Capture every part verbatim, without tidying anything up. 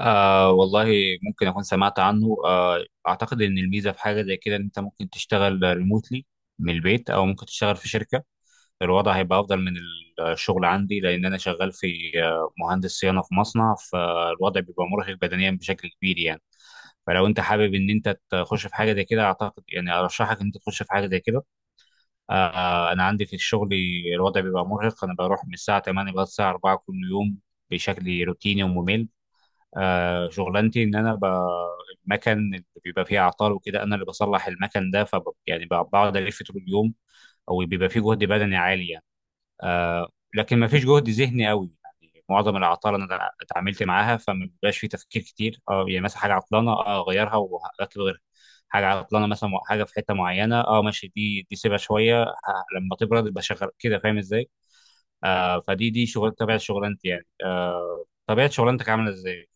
آه والله، ممكن أكون سمعت عنه. آه أعتقد إن الميزة في حاجة زي كده إن أنت ممكن تشتغل ريموتلي من البيت، أو ممكن تشتغل في شركة. الوضع هيبقى أفضل من الشغل عندي، لأن أنا شغال في آه، مهندس صيانة في مصنع، فالوضع بيبقى مرهق بدنيا بشكل كبير يعني. فلو أنت حابب إن أنت تخش في حاجة زي كده، أعتقد يعني أرشحك إن أنت تخش في حاجة زي كده. آه أنا عندي في الشغل الوضع بيبقى مرهق. أنا بروح من الساعة تمانية لغاية الساعة أربعة كل يوم بشكل روتيني وممل. آه، شغلانتي ان انا ب... المكن اللي بيبقى فيه اعطال وكده انا اللي بصلح المكن ده. ف يعني ب- بقعد الف طول اليوم، او بيبقى فيه جهد بدني عالي يعني. آه، لكن ما فيش جهد ذهني قوي، يعني معظم العطال انا اتعاملت معاها، فما بيبقاش فيه تفكير كتير. اه يعني مثلا حاجه عطلانه، اه اغيرها واطلب غيرها. حاجه عطلانه، مثلا حاجه في حته معينه، اه ماشي، دي دي سيبها شويه، ه- لما تبرد يبقى شغال كده، فاهم ازاي؟ آه فدي دي شغل، طبيعه شغلانتي يعني. آه طبيعه شغلانتك عامله ازاي؟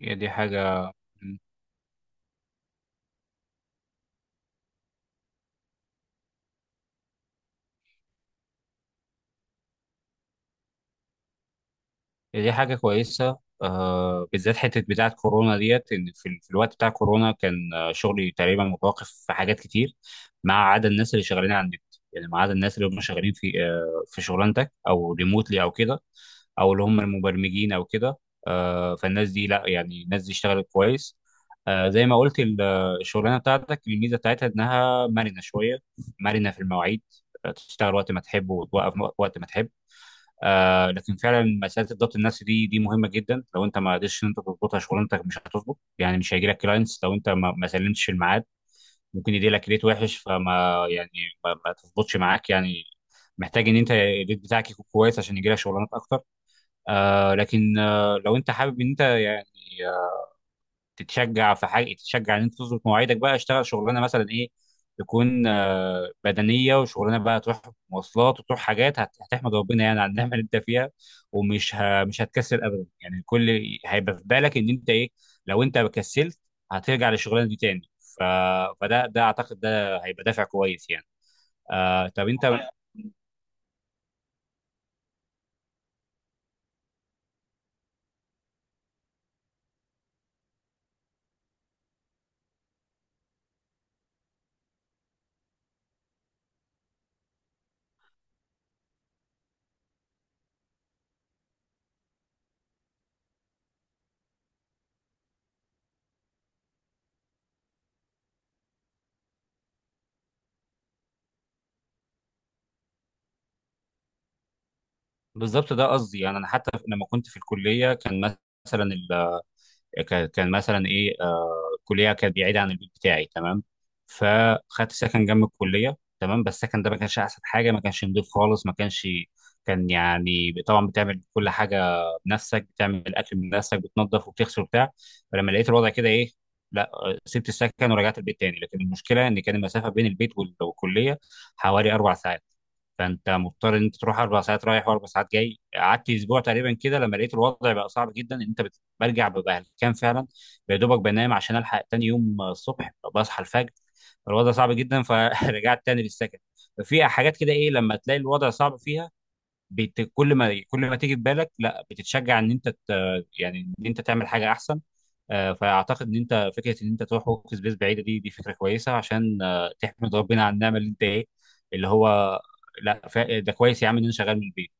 هي دي حاجه. مم. دي حاجة كويسة. آه بالذات حتة بتاعة كورونا ديت، إن في, ال- في الوقت بتاع كورونا كان آه، شغلي تقريبا متوقف في حاجات كتير، ما عدا الناس اللي شغالين على النت. يعني ما عدا الناس اللي هم شغالين في آه في شغلانتك أو ريموتلي أو كده، أو اللي هم المبرمجين أو كده. آه فالناس دي، لا يعني، الناس دي اشتغلت كويس. آه زي ما قلت ال- آه، الشغلانة بتاعتك الميزة بتاعتها إنها مرنة شوية، مرنة في المواعيد. آه، تشتغل وقت ما تحب وتوقف وقت ما تحب. آه لكن فعلا مساله الضبط النفسي دي دي مهمه جدا. لو انت ما قدرتش ان انت تظبطها، شغلانتك مش هتظبط، يعني مش هيجي لك كلاينتس. لو انت ما ما سلمتش في الميعاد، ممكن يجي لك ريت وحش، فما يعني ما, ما تظبطش معاك يعني. محتاج ان انت الريت بتاعك يكون كويس عشان يجي لك شغلانات اكتر. آه لكن آه لو انت حابب ان انت يعني تتشجع في حاجه، تتشجع ان انت تظبط مواعيدك بقى، اشتغل شغلانه مثلا ايه، تكون آه، بدنيه، وشغلانه بقى تروح مواصلات وتروح حاجات، هت- هتحمد ربنا يعني على النعمه اللي انت فيها، ومش ه... مش هتكسل ابدا يعني. كل هيبقى في بالك ان انت ايه، لو انت كسلت هترجع للشغلانه دي تاني. ف... فده ده اعتقد ده هيبقى دافع كويس يعني. آه طب انت، بالظبط ده قصدي، يعني انا حتى لما كنت في الكليه كان مثلا، كان كان مثلا ايه، آه كليه كانت بعيده عن البيت بتاعي تمام، فخدت سكن جنب الكليه تمام. بس السكن ده ما كانش احسن حاجه، ما كانش نضيف خالص، ما كانش، كان، يعني طبعا بتعمل كل حاجه بنفسك، بتعمل الاكل بنفسك بتنظف وبتغسل وبتاع. فلما لقيت الوضع كده ايه، لا آه، سبت السكن ورجعت البيت تاني. لكن المشكله ان كان المسافه بين البيت وال- والكليه حوالي اربع ساعات، فانت مضطر ان انت تروح اربع ساعات رايح واربع ساعات جاي. قعدت اسبوع تقريبا كده لما لقيت الوضع بقى صعب جدا ان انت برجع ببقى هلكان فعلا، يا دوبك بنام عشان الحق تاني يوم الصبح بصحى الفجر. الوضع صعب جدا، فرجعت تاني للسكن. ففي حاجات كده ايه لما تلاقي الوضع صعب فيها، بت... كل ما كل ما تيجي في بالك، لا، بتتشجع ان انت ت... يعني ان انت تعمل حاجه احسن. آه، فاعتقد ان انت، فكره ان انت تروح ورك سبيس بعيده دي دي فكره كويسه عشان آه، تحمد ربنا على النعمه اللي انت ايه، اللي هو، لا ف- ده كويس يا عم ان انا شغال من البيت.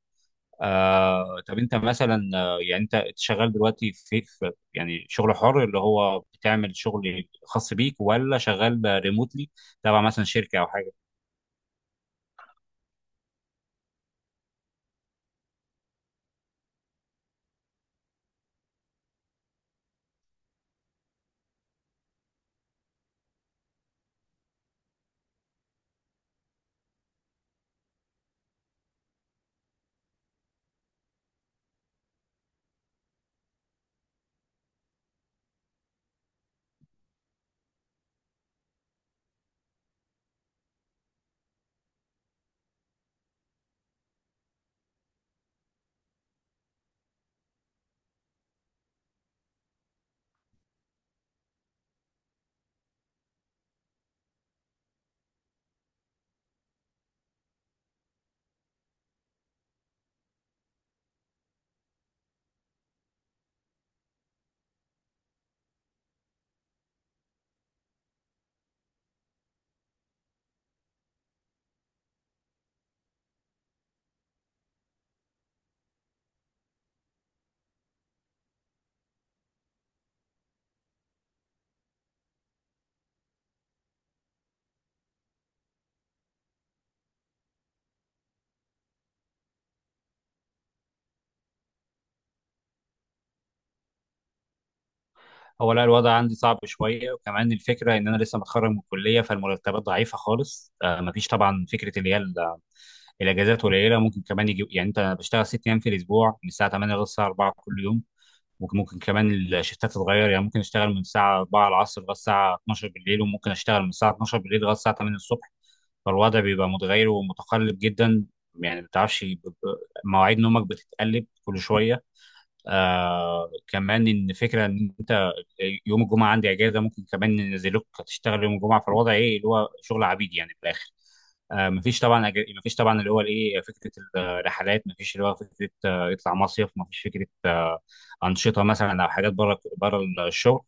آه، طب انت مثلا آه، يعني انت شغال دلوقتي في, في يعني شغل حر، اللي هو بتعمل شغل خاص بيك ولا شغال ريموتلي تبع مثلا شركه او حاجه؟ هو لا، الوضع عندي صعب شويه، وكمان الفكره ان انا لسه متخرج من الكليه، فالمرتبات ضعيفه خالص. آه، مفيش طبعا فكره، اللي هي ال- الاجازات قليله. ممكن كمان يجي يعني، انت بشتغل ست ايام في الاسبوع من الساعه ثمانية للساعه أربعة كل يوم. ممكن ممكن كمان الشيفتات تتغير، يعني ممكن اشتغل من الساعه أربعة العصر لغايه الساعه اتناشر بالليل، وممكن اشتغل من الساعه اتناشر بالليل لغايه الساعه ثمانية الصبح. فالوضع بيبقى متغير ومتقلب جدا، يعني ما بتعرفش، مواعيد نومك بتتقلب كل شويه. آه كمان ان فكره ان انت يوم الجمعه عندي اجازه، ممكن كمان ننزلوك تشتغل يوم الجمعه. في الوضع ايه اللي هو شغل عبيد يعني في الاخر. آه مفيش طبعا أج... مفيش طبعا، اللي هو الايه، فكره الرحلات مفيش، اللي هو فكره آه يطلع مصيف مفيش، فكره آه انشطه مثلا او حاجات بره بره الشغل.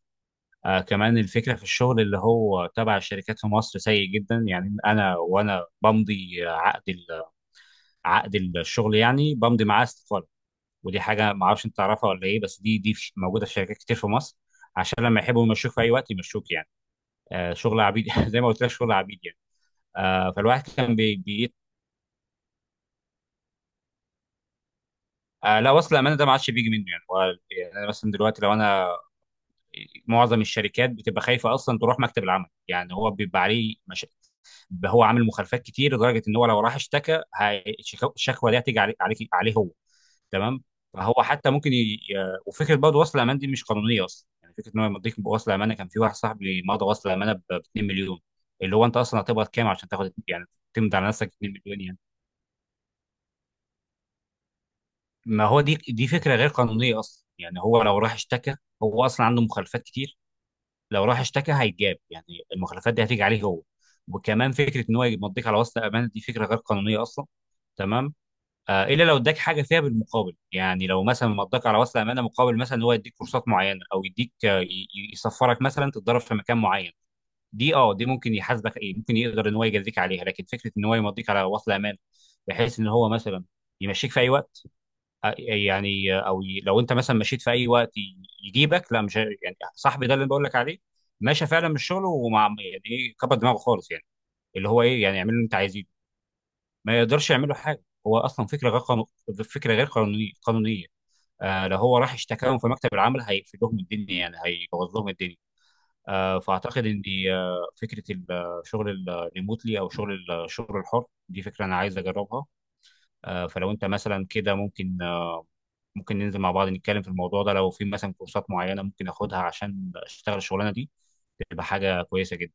آه كمان الفكره في الشغل اللي هو تبع الشركات في مصر سيء جدا. يعني انا وانا بمضي عقد ال- عقد الشغل، يعني بمضي معاه استقاله. ودي حاجه ما اعرفش انت تعرفها ولا ايه، بس دي دي في- موجوده في شركات كتير في مصر، عشان لما يحبوا يمشوك في اي وقت يمشوك يعني. آه شغل عبيد زي ما قلت لك، شغل عبيد يعني. آه فالواحد كان بي, بي آه لا، وصل الامانه ده ما عادش بيجي منه يعني. هو، يعني انا مثلا دلوقتي لو انا، معظم الشركات بتبقى خايفه اصلا تروح مكتب العمل، يعني هو بيبقى عليه مش... هو عامل مخالفات كتير، لدرجه ان هو لو راح اشتكى هي- الشكو- الشكوى دي هتيجي عليه عليه عليه هو. تمام. فهو حتى ممكن ي... ي- وفكره برضه، وصل امان دي مش قانونيه اصلا، يعني فكره ان هو يمضيك بوصل امانه. كان في واحد صاحبي مضى وصل امانه ب اتنين مليون. اللي هو انت اصلا هتقبض كام عشان تاخد يعني، تمضي على نفسك اتنين مليون يعني. ما هو دي دي فكره غير قانونيه اصلا. يعني هو لو راح اشتكى، هو اصلا عنده مخالفات كتير. لو راح اشتكى هيتجاب يعني، المخالفات دي هتيجي عليه هو. وكمان فكره ان هو يمضيك على وصل امانه دي فكره غير قانونيه اصلا. تمام. آه، الا لو اداك حاجه فيها بالمقابل، يعني لو مثلا مضاك على وصل امانه مقابل مثلا إن هو يديك كورسات معينه، او يديك آه، ي- ي- يسفرك مثلا تتدرب في مكان معين. دي اه دي ممكن يحاسبك ايه، ممكن يقدر ان هو يجازيك عليها. لكن فكره ان هو يمضيك على وصل امانه بحيث ان هو مثلا يمشيك في اي وقت، آه، يعني آه، او ي- لو انت مثلا مشيت في اي وقت ي- يجيبك، لا مش ه- يعني صاحبي ده اللي أنا بقول لك عليه، ماشي فعلا من شغله، ومع يعني ايه، كبر دماغه خالص يعني، اللي هو ايه، يعني اعمل اللي انت عايزه. ما يقدرش يعمل له حاجه، هو اصلا فكره غير قانو... فكره غير قانونيه قانونيه. آه لو هو راح اشتكاهم في مكتب العمل هيقفل لهم الدنيا، يعني هيبوظ لهم الدنيا. آه فاعتقد ان آه فكره الشغل الريموتلي او شغل الشغل الحر دي، فكره انا عايز اجربها. آه فلو انت مثلا كده ممكن آه ممكن ننزل مع بعض نتكلم في الموضوع ده. لو في مثلا كورسات معينه ممكن اخدها عشان اشتغل الشغلانه دي، تبقى حاجه كويسه جدا.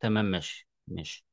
تمام، ماشي ماشي.